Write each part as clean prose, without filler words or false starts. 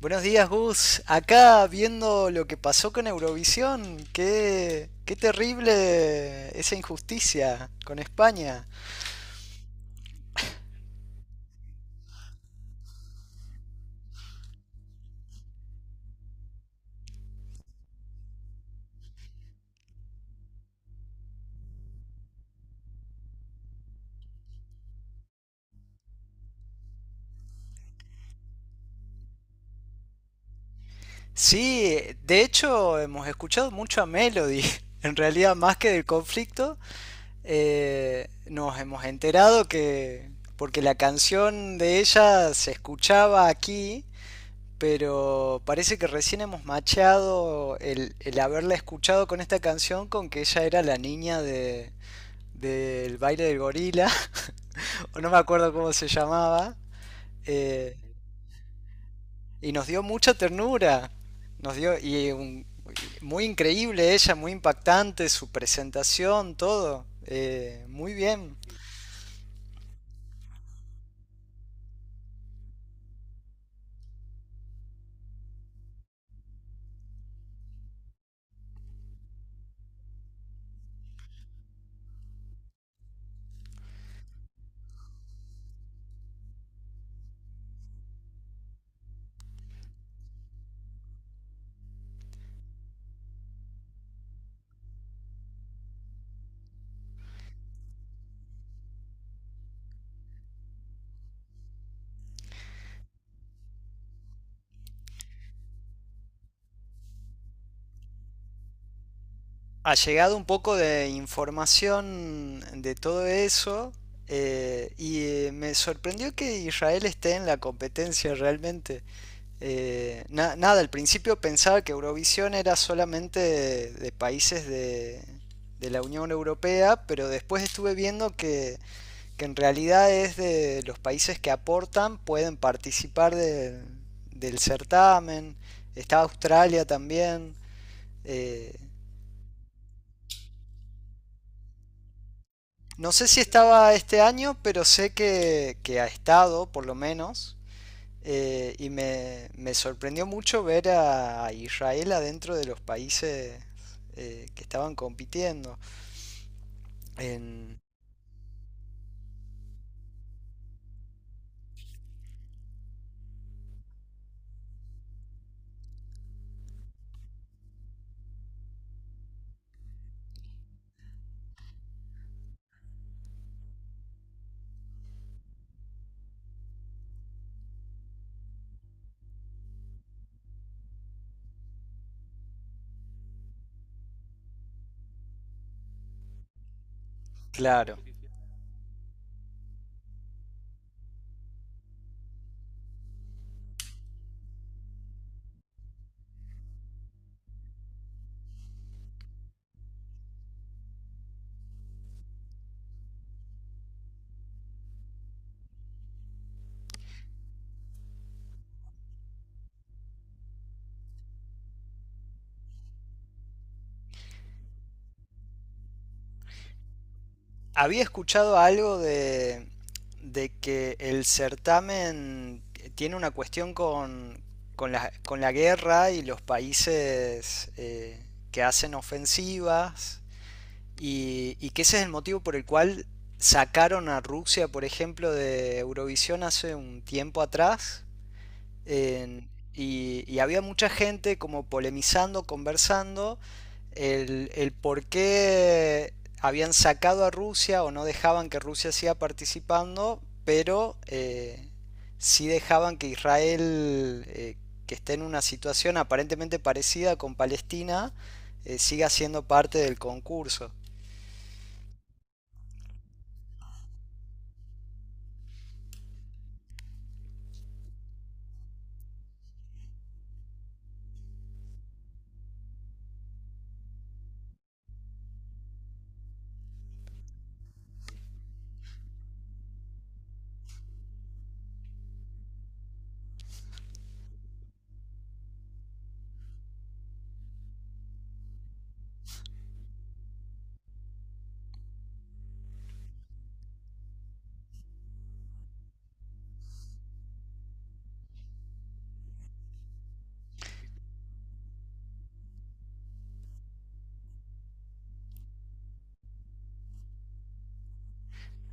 Buenos días, Gus. Acá viendo lo que pasó con Eurovisión. Qué terrible esa injusticia con España. Sí, de hecho hemos escuchado mucho a Melody. En realidad, más que del conflicto, nos hemos enterado que... Porque la canción de ella se escuchaba aquí, pero parece que recién hemos machado el haberla escuchado con esta canción con que ella era la niña del baile del gorila, o no me acuerdo cómo se llamaba, eh, y nos dio mucha ternura. Nos dio, y un- Muy increíble ella, muy impactante, su presentación, todo. Muy bien. Ha llegado un poco de información de todo eso. eh, y Me sorprendió que Israel esté en la competencia realmente. Nada, al principio pensaba que Eurovisión era solamente de países de la Unión Europea, pero después estuve viendo que en realidad es de los países que aportan, pueden participar del certamen. Está Australia también. eh, no sé si estaba este año, pero sé que ha estado, por lo menos. Me sorprendió mucho ver a Israel adentro de los países que estaban compitiendo. En, claro. Había escuchado algo de que el certamen tiene una cuestión con la guerra y los países que hacen ofensivas y que ese es el motivo por el cual sacaron a Rusia, por ejemplo, de Eurovisión hace un tiempo atrás en- y había mucha gente como polemizando, conversando, el por qué habían sacado a Rusia o no dejaban que Rusia siga participando, pero sí dejaban que Israel, que esté en una situación aparentemente parecida con Palestina, siga siendo parte del concurso.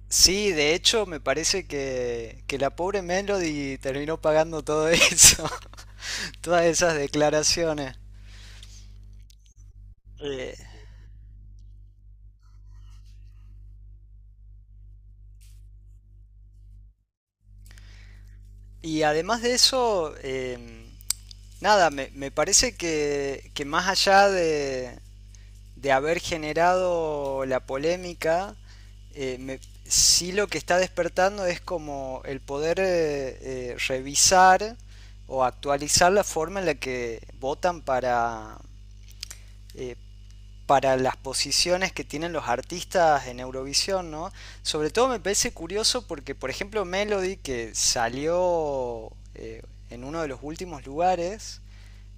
Sí, de hecho, me parece que la pobre Melody terminó pagando todo eso, todas esas declaraciones. Eh, y además de eso, nada, me parece que más allá de haber generado la polémica, eh, me- sí lo que está despertando es como el poder revisar o actualizar la forma en la que votan eh, para las posiciones que tienen los artistas en Eurovisión, ¿no? Sobre todo me parece curioso porque, por ejemplo, Melody, que salió en uno de los últimos lugares,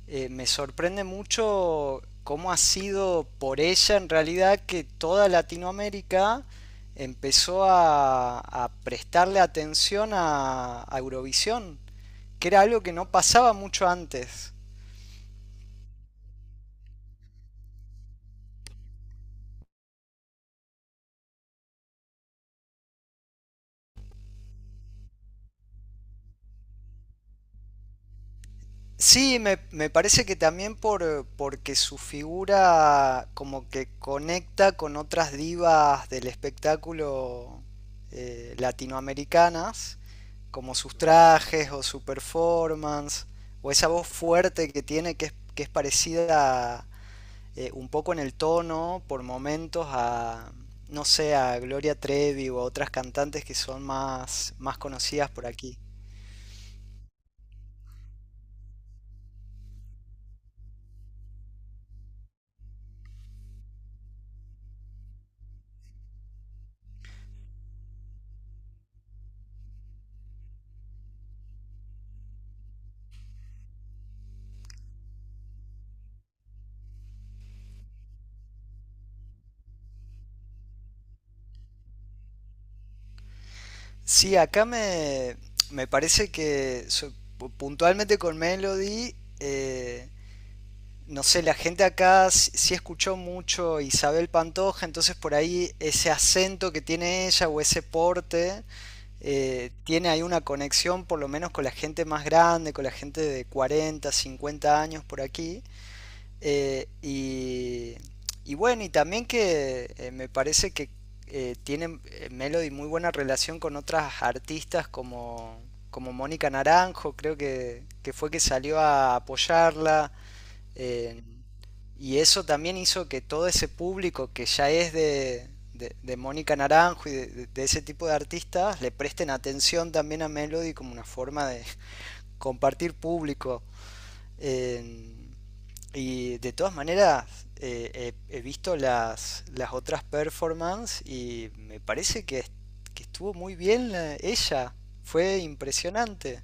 me sorprende mucho cómo ha sido por ella en realidad que toda Latinoamérica empezó a prestarle atención a Eurovisión, que era algo que no pasaba mucho antes. Sí, me parece que también por, porque su figura como que conecta con otras divas del espectáculo latinoamericanas, como sus trajes o su performance, o esa voz fuerte que tiene que es parecida un poco en el tono por momentos no sé, a Gloria Trevi o a otras cantantes que son más, más conocidas por aquí. Sí, acá me parece que puntualmente con Melody, no sé, la gente acá sí sí escuchó mucho Isabel Pantoja, entonces por ahí ese acento que tiene ella o ese porte, tiene ahí una conexión por lo menos con la gente más grande, con la gente de 40, 50 años por aquí. Eh, y, y bueno, y también que me parece que tiene Melody muy buena relación con otras artistas como Mónica Naranjo, creo que fue que salió a apoyarla. eh, y eso también hizo que todo ese público que ya es de Mónica Naranjo y de ese tipo de artistas le presten atención también a Melody como una forma de compartir público. Eh, y de todas maneras, he visto las otras performances y me parece que estuvo muy bien ella. Fue impresionante.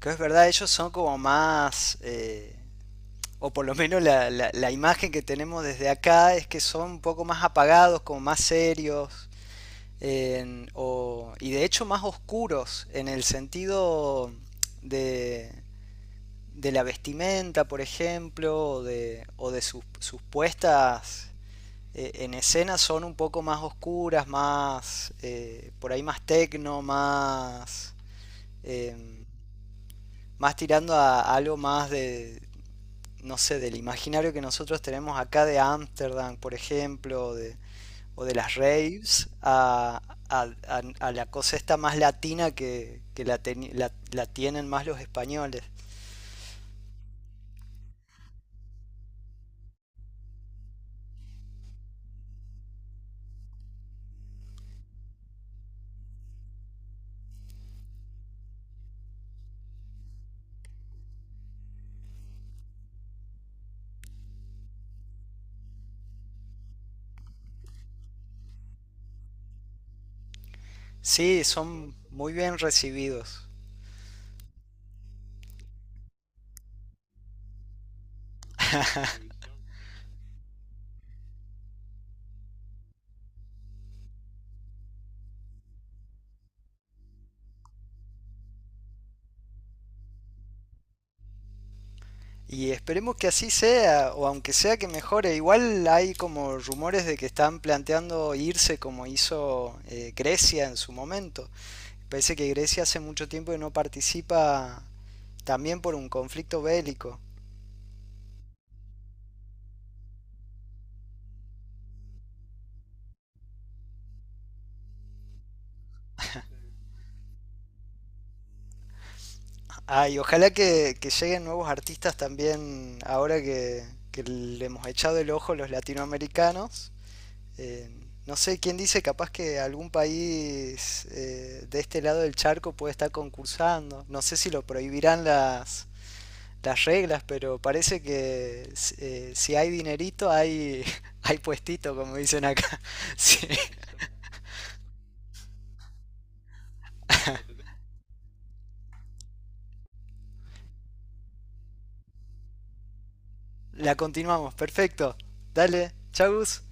Que es verdad, ellos son como más, o por lo menos la imagen que tenemos desde acá es que son un poco más apagados, como más serios, y de hecho más oscuros en el sentido de, de la vestimenta, por ejemplo, o de sus, sus puestas en escena son un poco más oscuras, más por ahí más tecno, más eh, más tirando a algo más de no sé, del imaginario que nosotros tenemos acá de Ámsterdam, por ejemplo, de, o de las raves, a, a la cosa esta más latina que la, la tienen más los españoles. Sí, son muy bien recibidos. Y esperemos que así sea, o aunque sea que mejore. Igual hay como rumores de que están planteando irse como hizo Grecia en su momento. Parece que Grecia hace mucho tiempo que no participa también por un conflicto bélico. Ah, y ojalá que lleguen nuevos artistas también ahora que le hemos echado el ojo los latinoamericanos. Eh, no sé quién dice, capaz que algún país de este lado del charco puede estar concursando. No sé si lo prohibirán las reglas, pero parece que si hay dinerito, hay, hay puestito, como dicen acá. Sí. La continuamos, perfecto. Dale, chau Gus.